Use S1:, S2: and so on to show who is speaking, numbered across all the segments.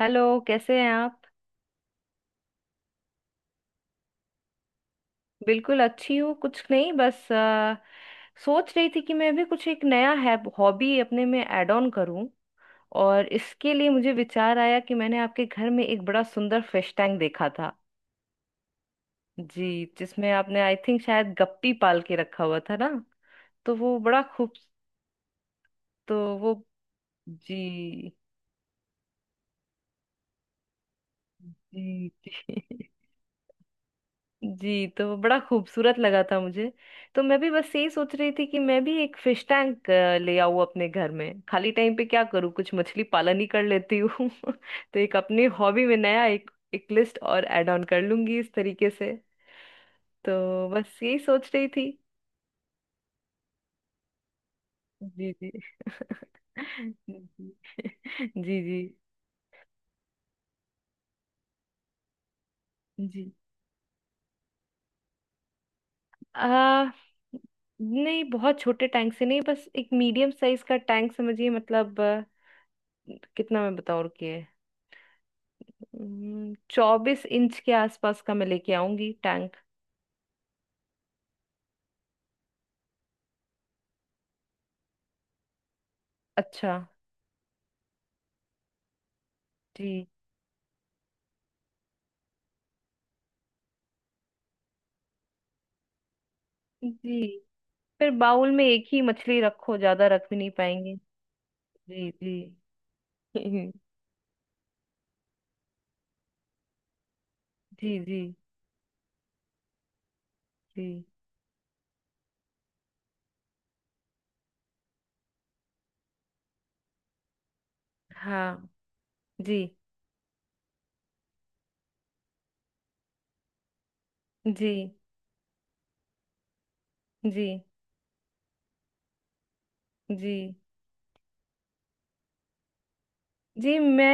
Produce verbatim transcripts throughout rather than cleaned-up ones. S1: Hello, कैसे हैं आप? बिल्कुल अच्छी हूँ। कुछ नहीं, बस आ, सोच रही थी कि मैं भी कुछ एक नया है हॉबी अपने में ऐड ऑन करूँ। और इसके लिए मुझे विचार आया कि मैंने आपके घर में एक बड़ा सुंदर फिश टैंक देखा था। जी, जिसमें आपने आई थिंक शायद गप्पी पाल के रखा हुआ था ना। तो वो बड़ा खूब। तो वो। जी जी, जी जी, तो बड़ा खूबसूरत लगा था मुझे। तो मैं भी बस यही सोच रही थी कि मैं भी एक फिश टैंक ले आऊं अपने घर में। खाली टाइम पे क्या करूँ, कुछ मछली पालन ही कर लेती हूँ तो एक अपनी हॉबी में नया एक एक लिस्ट और ऐड ऑन कर लूंगी इस तरीके से। तो बस यही सोच रही थी। जी जी जी। जी जी जी। आ, नहीं, बहुत छोटे टैंक से नहीं, बस एक मीडियम साइज का टैंक समझिए। मतलब अ, कितना मैं बताऊँ, रुकिए। हम्म, चौबीस इंच के आसपास का मैं लेके आऊंगी टैंक। अच्छा। जी जी। फिर बाउल में एक ही मछली रखो, ज्यादा रख भी नहीं पाएंगे। जी जी जी जी जी। हाँ। जी जी जी जी जी। मैं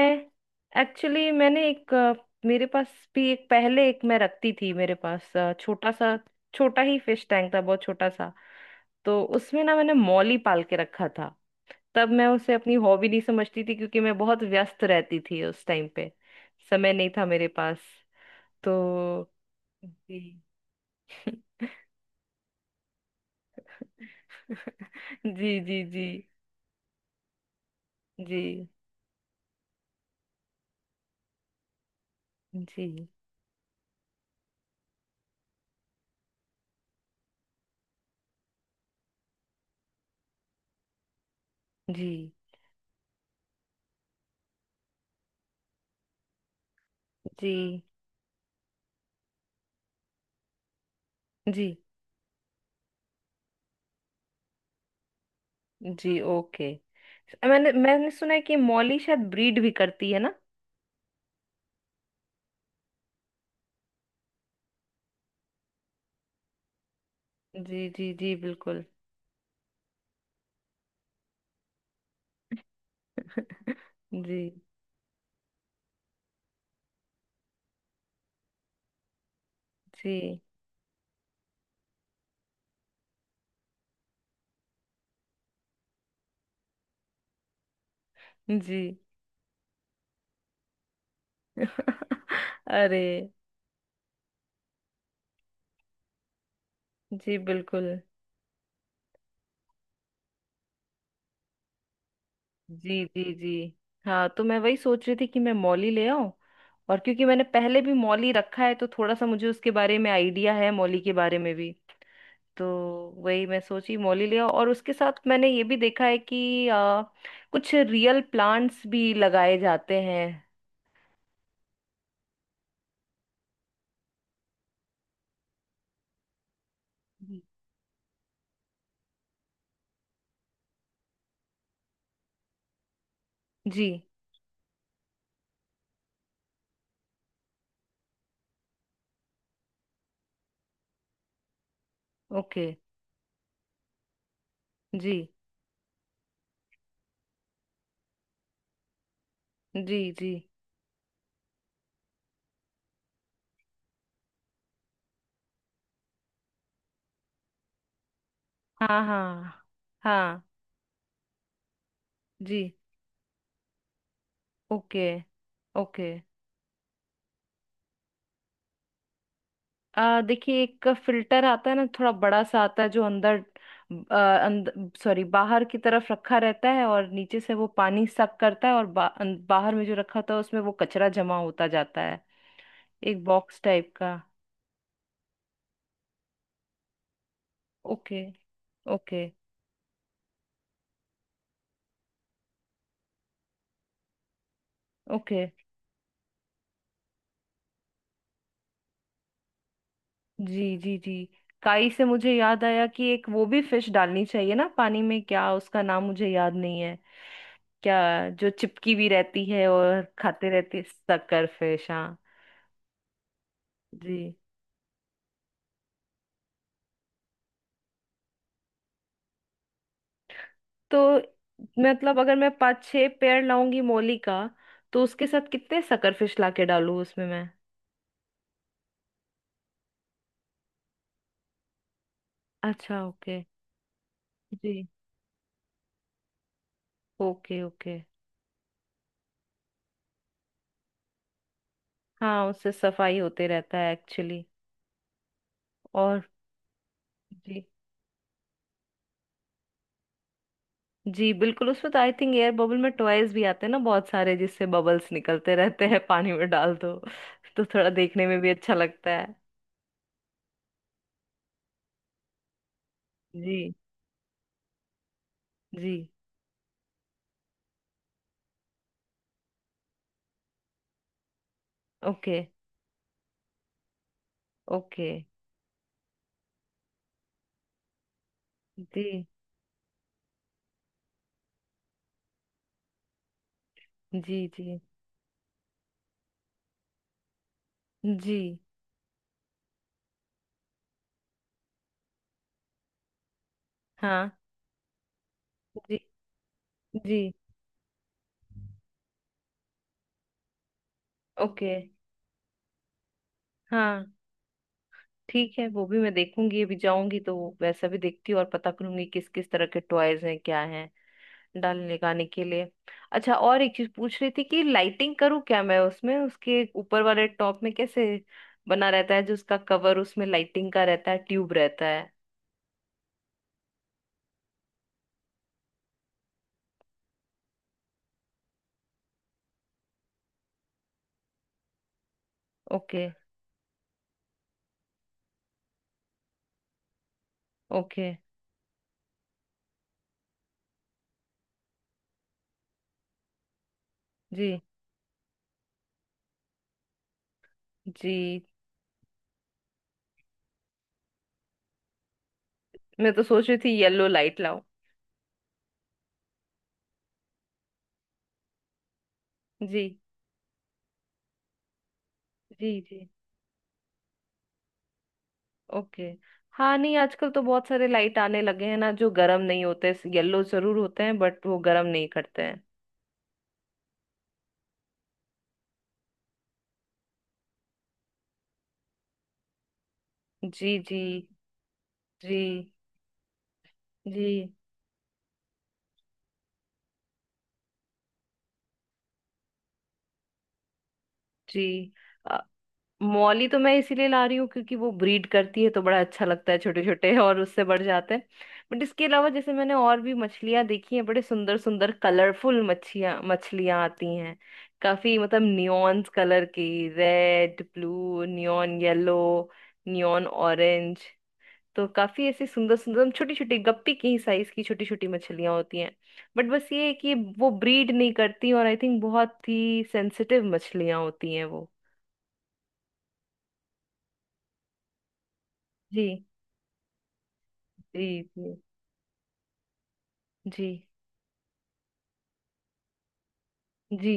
S1: एक्चुअली, मैंने एक अ, मेरे पास भी एक पहले, एक मैं रखती थी मेरे पास अ, छोटा सा। छोटा ही फिश टैंक था, बहुत छोटा सा। तो उसमें ना मैंने मौली पाल के रखा था। तब मैं उसे अपनी हॉबी नहीं समझती थी क्योंकि मैं बहुत व्यस्त रहती थी उस टाइम पे। समय नहीं था मेरे पास। तो। जी जी जी। जी जी जी जी जी जी जी। ओके, मैंने मैंने सुना है कि मौली शायद ब्रीड भी करती है ना। जी जी जी, बिल्कुल। जी जी जी अरे! जी बिल्कुल। जी जी जी। हाँ, तो मैं वही सोच रही थी कि मैं मौली ले आऊं। और क्योंकि मैंने पहले भी मौली रखा है तो थोड़ा सा मुझे उसके बारे में आइडिया है, मौली के बारे में भी। तो वही मैं सोची, मौली ले आऊं। और उसके साथ मैंने ये भी देखा है कि आ, कुछ रियल प्लांट्स भी लगाए जाते हैं। जी जी। ओके। जी जी जी। हाँ हाँ। हाँ। जी। Okay okay. आ देखिए, एक फिल्टर आता है ना, थोड़ा बड़ा सा आता है जो अंदर, आ, अंदर सॉरी बाहर की तरफ रखा रहता है और नीचे से वो पानी सक करता है, और बा, अं- बाहर में जो रखा होता है उसमें वो कचरा जमा होता जाता है। एक बॉक्स टाइप का। ओके। Okay okay. जी जी जी। काई से मुझे याद आया कि एक वो भी फिश डालनी चाहिए ना पानी में, क्या उसका नाम मुझे याद नहीं है। क्या जो चिपकी भी रहती है और खाते रहती है, सक्कर फिश, हाँ। जी। तो मतलब, अगर मैं पाँच छह पेड़ लाऊंगी मोली का तो उसके साथ कितने शकरफिश लाके डालूं उसमें मैं? अच्छा ओके। जी। Okay okay. हाँ, उससे सफाई होते रहता है एक्चुअली। और। जी जी, बिल्कुल। उसमें तो आई थिंक एयर बबल में टॉयज भी आते हैं ना बहुत सारे, जिससे बबल्स निकलते रहते हैं पानी में, डाल दो। तो थोड़ा देखने में भी अच्छा लगता है। जी जी। Okay okay. जी जी जी जी। हाँ। जी जी। ओके। हाँ, ठीक है, वो भी मैं देखूंगी अभी जाऊंगी तो वैसा भी देखती हूँ और पता करूंगी किस किस तरह के टॉयज हैं क्या हैं डालने लगाने के लिए। अच्छा, और एक चीज पूछ रही थी कि लाइटिंग करूँ क्या मैं उसमें? उसके ऊपर वाले टॉप में कैसे बना रहता है जो उसका कवर उसमें लाइटिंग का रहता है, ट्यूब रहता है। Okay okay. जी जी। मैं तो सोच रही थी येलो लाइट लाऊं। जी जी जी। ओके, हाँ, नहीं आजकल तो बहुत सारे लाइट आने लगे हैं ना जो गर्म नहीं होते, येलो जरूर होते हैं बट वो गर्म नहीं करते हैं। जी जी जी जी जी। अ, मौली तो मैं इसीलिए ला रही हूँ क्योंकि वो ब्रीड करती है तो बड़ा अच्छा लगता है छोटे छोटे और उससे बढ़ जाते हैं। बट इसके अलावा जैसे मैंने और भी मछलियाँ देखी हैं, बड़े सुंदर सुंदर कलरफुल मच्छियाँ मछलियाँ आती हैं। काफी मतलब नियॉन्स कलर की, red blue neon yellow, neon orange. तो काफी ऐसी सुंदर सुंदर छोटी छोटी गप्पी की साइज की छोटी छोटी मछलियां होती हैं। बट बस ये है कि वो ब्रीड नहीं करती और आई थिंक बहुत ही सेंसिटिव मछलियां होती हैं वो। जी जी जी जी। जी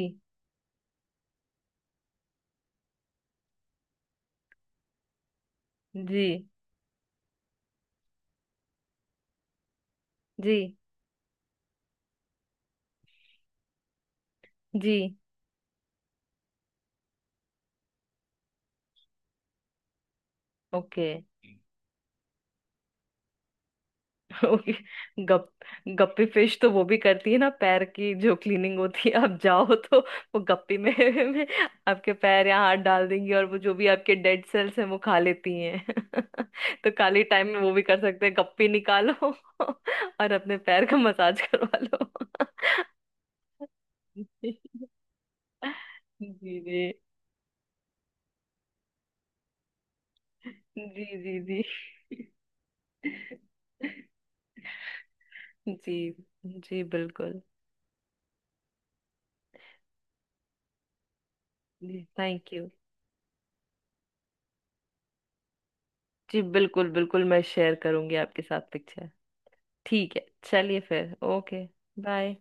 S1: जी जी जी। Okay okay. गप गप्पी फिश तो वो भी करती है ना, पैर की जो क्लीनिंग होती है आप जाओ तो वो गप्पी में, में आपके पैर या हाथ डाल देंगी और वो जो भी आपके डेड सेल्स हैं वो खा लेती हैं। तो खाली टाइम में वो भी कर सकते हैं, गप्पी निकालो और अपने पैर का मसाज करवा लो जी जी जी। जी जी जी। जी बिल्कुल। जी थैंक यू। जी बिल्कुल बिल्कुल, मैं शेयर करूंगी आपके साथ पिक्चर। ठीक है। चलिए फिर, ओके, बाय।